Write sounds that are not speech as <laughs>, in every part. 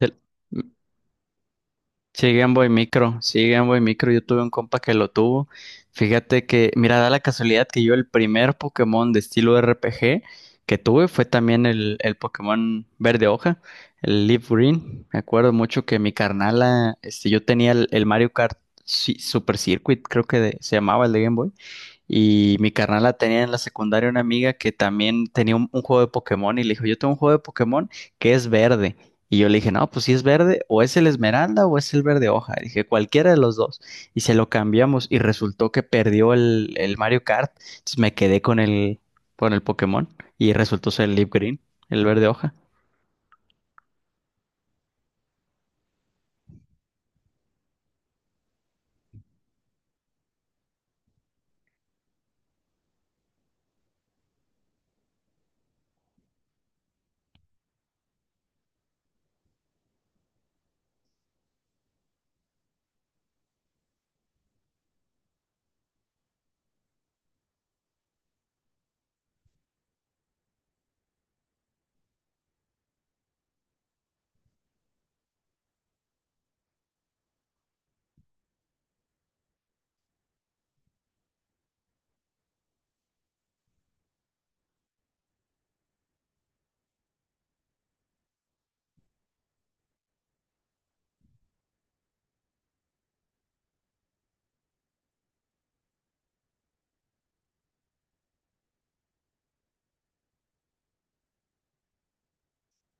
El- Sí, Game Boy Micro, sí, Game Boy Micro, yo tuve un compa que lo tuvo. Fíjate que, mira, da la casualidad que yo el primer Pokémon de estilo R P G que tuve fue también el Pokémon verde hoja, el Leaf Green. Me acuerdo mucho que mi carnala, este, yo tenía el Mario Kart Super Circuit, creo que se llamaba el de Game Boy. Y mi carnal la tenía en la secundaria una amiga que también tenía un juego de Pokémon y le dijo, yo tengo un juego de Pokémon que es verde. Y yo le dije, no, pues si es verde, o es el esmeralda o es el verde hoja. Y dije, cualquiera de los dos. Y se lo cambiamos y resultó que perdió el Mario Kart. Entonces me quedé con el Pokémon y resultó ser el Leaf Green, el verde hoja.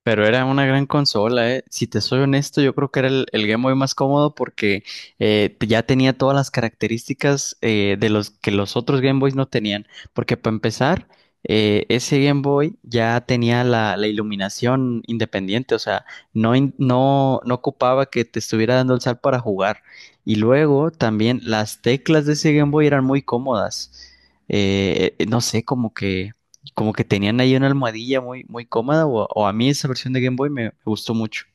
Pero era una gran consola, ¿eh? Si te soy honesto, yo creo que era el Game Boy más cómodo porque ya tenía todas las características de los que los otros Game Boys no tenían. Porque para empezar, ese Game Boy ya tenía la iluminación independiente, o sea, no, no, no ocupaba que te estuviera dando el sal para jugar. Y luego también las teclas de ese Game Boy eran muy cómodas. No sé, como que tenían ahí una almohadilla muy, muy cómoda, o a mí esa versión de Game Boy me gustó mucho.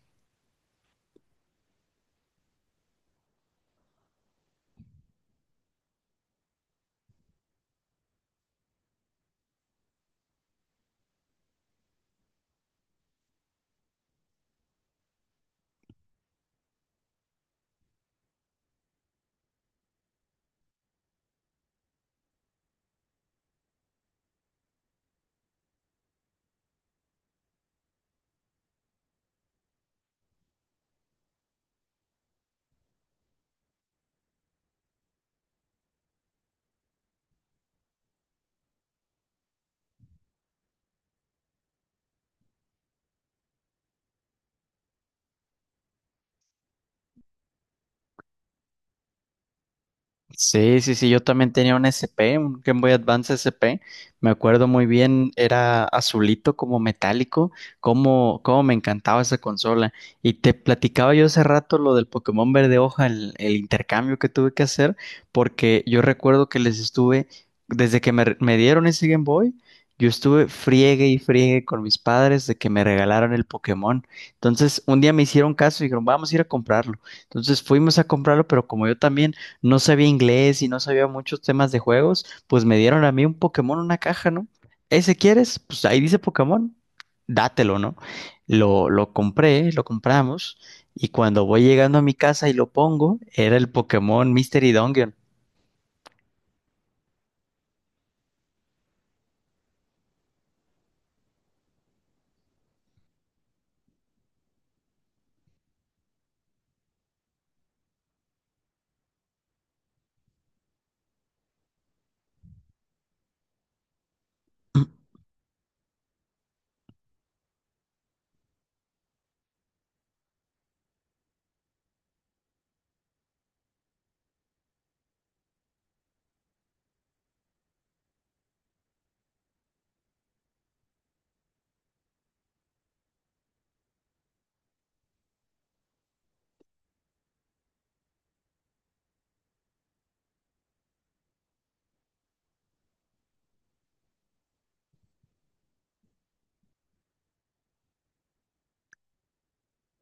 Sí, sí, sí, yo también tenía un SP, un Game Boy Advance SP, me acuerdo muy bien, era azulito como metálico, como, como me encantaba esa consola. Y te platicaba yo hace rato lo del Pokémon Verde Hoja, el intercambio que tuve que hacer, porque yo recuerdo que les estuve, desde que me dieron ese Game Boy, yo estuve friegue y friegue con mis padres de que me regalaron el Pokémon. Entonces, un día me hicieron caso y dijeron, vamos a ir a comprarlo. Entonces fuimos a comprarlo, pero como yo también no sabía inglés y no sabía muchos temas de juegos, pues me dieron a mí un Pokémon una caja, ¿no? ¿Ese quieres? Pues ahí dice Pokémon, dátelo, ¿no? Lo compré, lo compramos, y cuando voy llegando a mi casa y lo pongo, era el Pokémon Mystery Dungeon.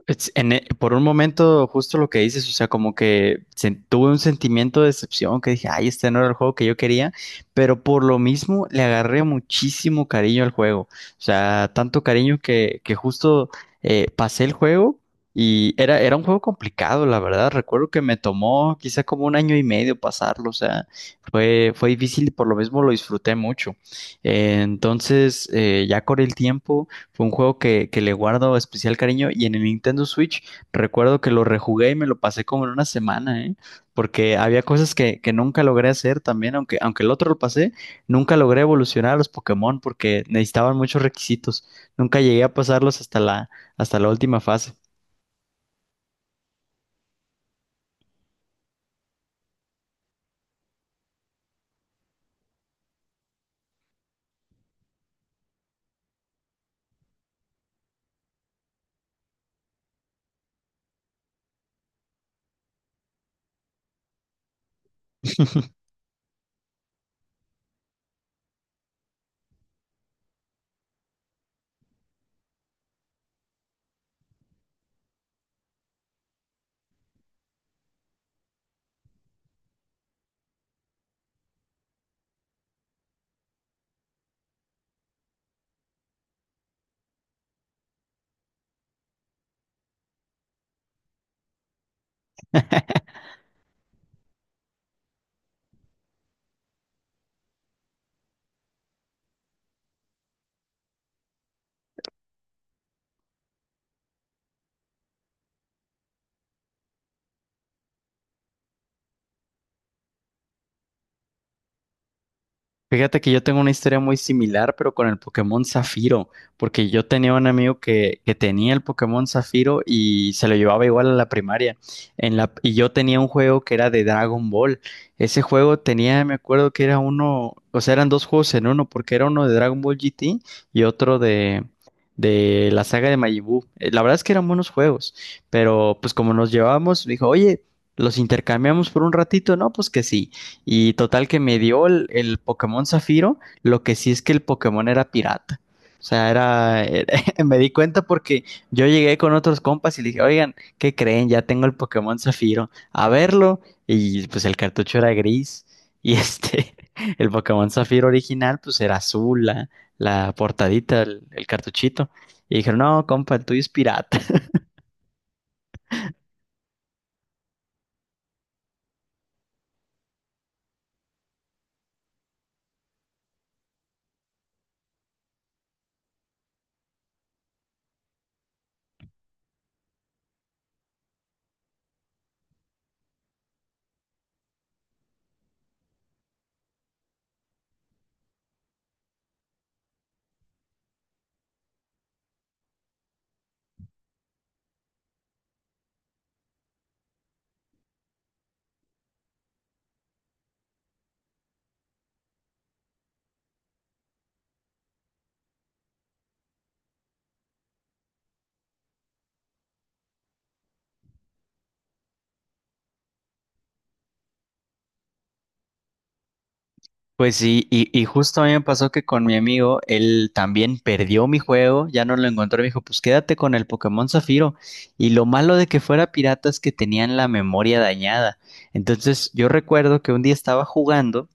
Por un momento, justo lo que dices, o sea, como que tuve un sentimiento de decepción, que dije, ay, este no era el juego que yo quería, pero por lo mismo le agarré muchísimo cariño al juego, o sea, tanto cariño que justo pasé el juego y era, era un juego complicado, la verdad, recuerdo que me tomó quizá como un año y medio pasarlo, o sea, fue, fue difícil y por lo mismo lo disfruté mucho. Entonces, ya con el tiempo... Fue un juego que le guardo especial cariño y en el Nintendo Switch recuerdo que lo rejugué y me lo pasé como en una semana, ¿eh? Porque había cosas que nunca logré hacer también, aunque, aunque el otro lo pasé, nunca logré evolucionar a los Pokémon porque necesitaban muchos requisitos. Nunca llegué a pasarlos hasta la última fase. <laughs> Fíjate que yo tengo una historia muy similar, pero con el Pokémon Zafiro, porque yo tenía un amigo que tenía el Pokémon Zafiro y se lo llevaba igual a la primaria. En la, y yo tenía un juego que era de Dragon Ball. Ese juego tenía, me acuerdo que era uno, o sea, eran dos juegos en uno, porque era uno de Dragon Ball GT y otro de la saga de Majin Buu. La verdad es que eran buenos juegos, pero pues como nos llevábamos, dijo, oye, los intercambiamos por un ratito, no, pues que sí. Y total que me dio el Pokémon Zafiro, lo que sí es que el Pokémon era pirata. O sea, <laughs> me di cuenta porque yo llegué con otros compas y le dije, oigan, ¿qué creen? Ya tengo el Pokémon Zafiro, a verlo. Y pues el cartucho era gris y este, <laughs> el Pokémon Zafiro original pues era azul, la portadita, el cartuchito. Y dijeron, no, compa, el tuyo es pirata. Pues sí, y justo a mí me pasó que con mi amigo, él también perdió mi juego, ya no lo encontró, y me dijo, pues quédate con el Pokémon Zafiro. Y lo malo de que fuera pirata es que tenían la memoria dañada. Entonces yo recuerdo que un día estaba jugando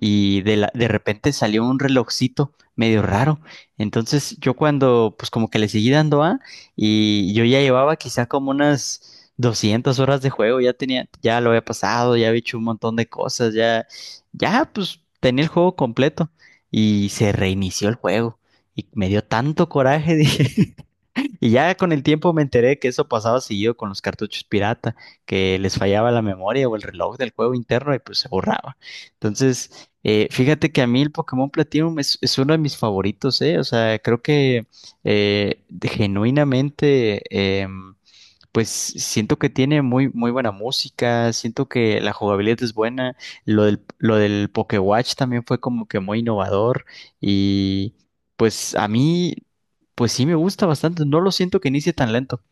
y de repente salió un relojcito medio raro. Entonces yo cuando, pues como que le seguí dando A y yo ya llevaba quizá como unas... 200 horas de juego, ya tenía, ya lo había pasado, ya había hecho un montón de cosas, ya, ya, pues tenía el juego completo y se reinició el juego. Y me dio tanto coraje, <laughs> dije. Y ya con el tiempo me enteré que eso pasaba seguido con los cartuchos pirata, que les fallaba la memoria o el reloj del juego interno y pues se borraba. Entonces, fíjate que a mí el Pokémon Platinum es uno de mis favoritos, ¿eh? O sea, creo que genuinamente... em, pues siento que tiene muy, muy buena música, siento que la jugabilidad es buena, lo del Pokéwatch también fue como que muy innovador y pues a mí, pues sí me gusta bastante, no lo siento que inicie tan lento.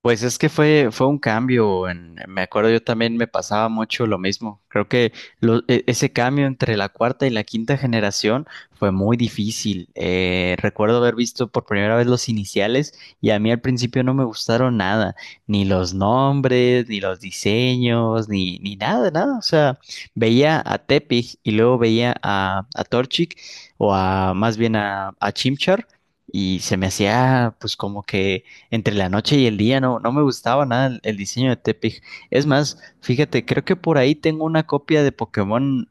Pues es que fue, fue un cambio. Me acuerdo yo también me pasaba mucho lo mismo. Creo que ese cambio entre la cuarta y la quinta generación fue muy difícil. Recuerdo haber visto por primera vez los iniciales y a mí al principio no me gustaron nada, ni los nombres, ni los diseños, ni, ni nada, nada. O sea, veía a Tepig y luego veía a Torchic o a más bien a Chimchar y se me hacía pues como que entre la noche y el día, no, no me gustaba nada el diseño de Tepig. Es más, fíjate, creo que por ahí tengo una copia de Pokémon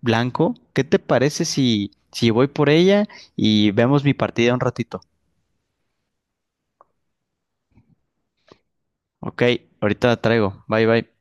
blanco. ¿Qué te parece si, si voy por ella y vemos mi partida un ratito? Ok, ahorita la traigo. Bye bye.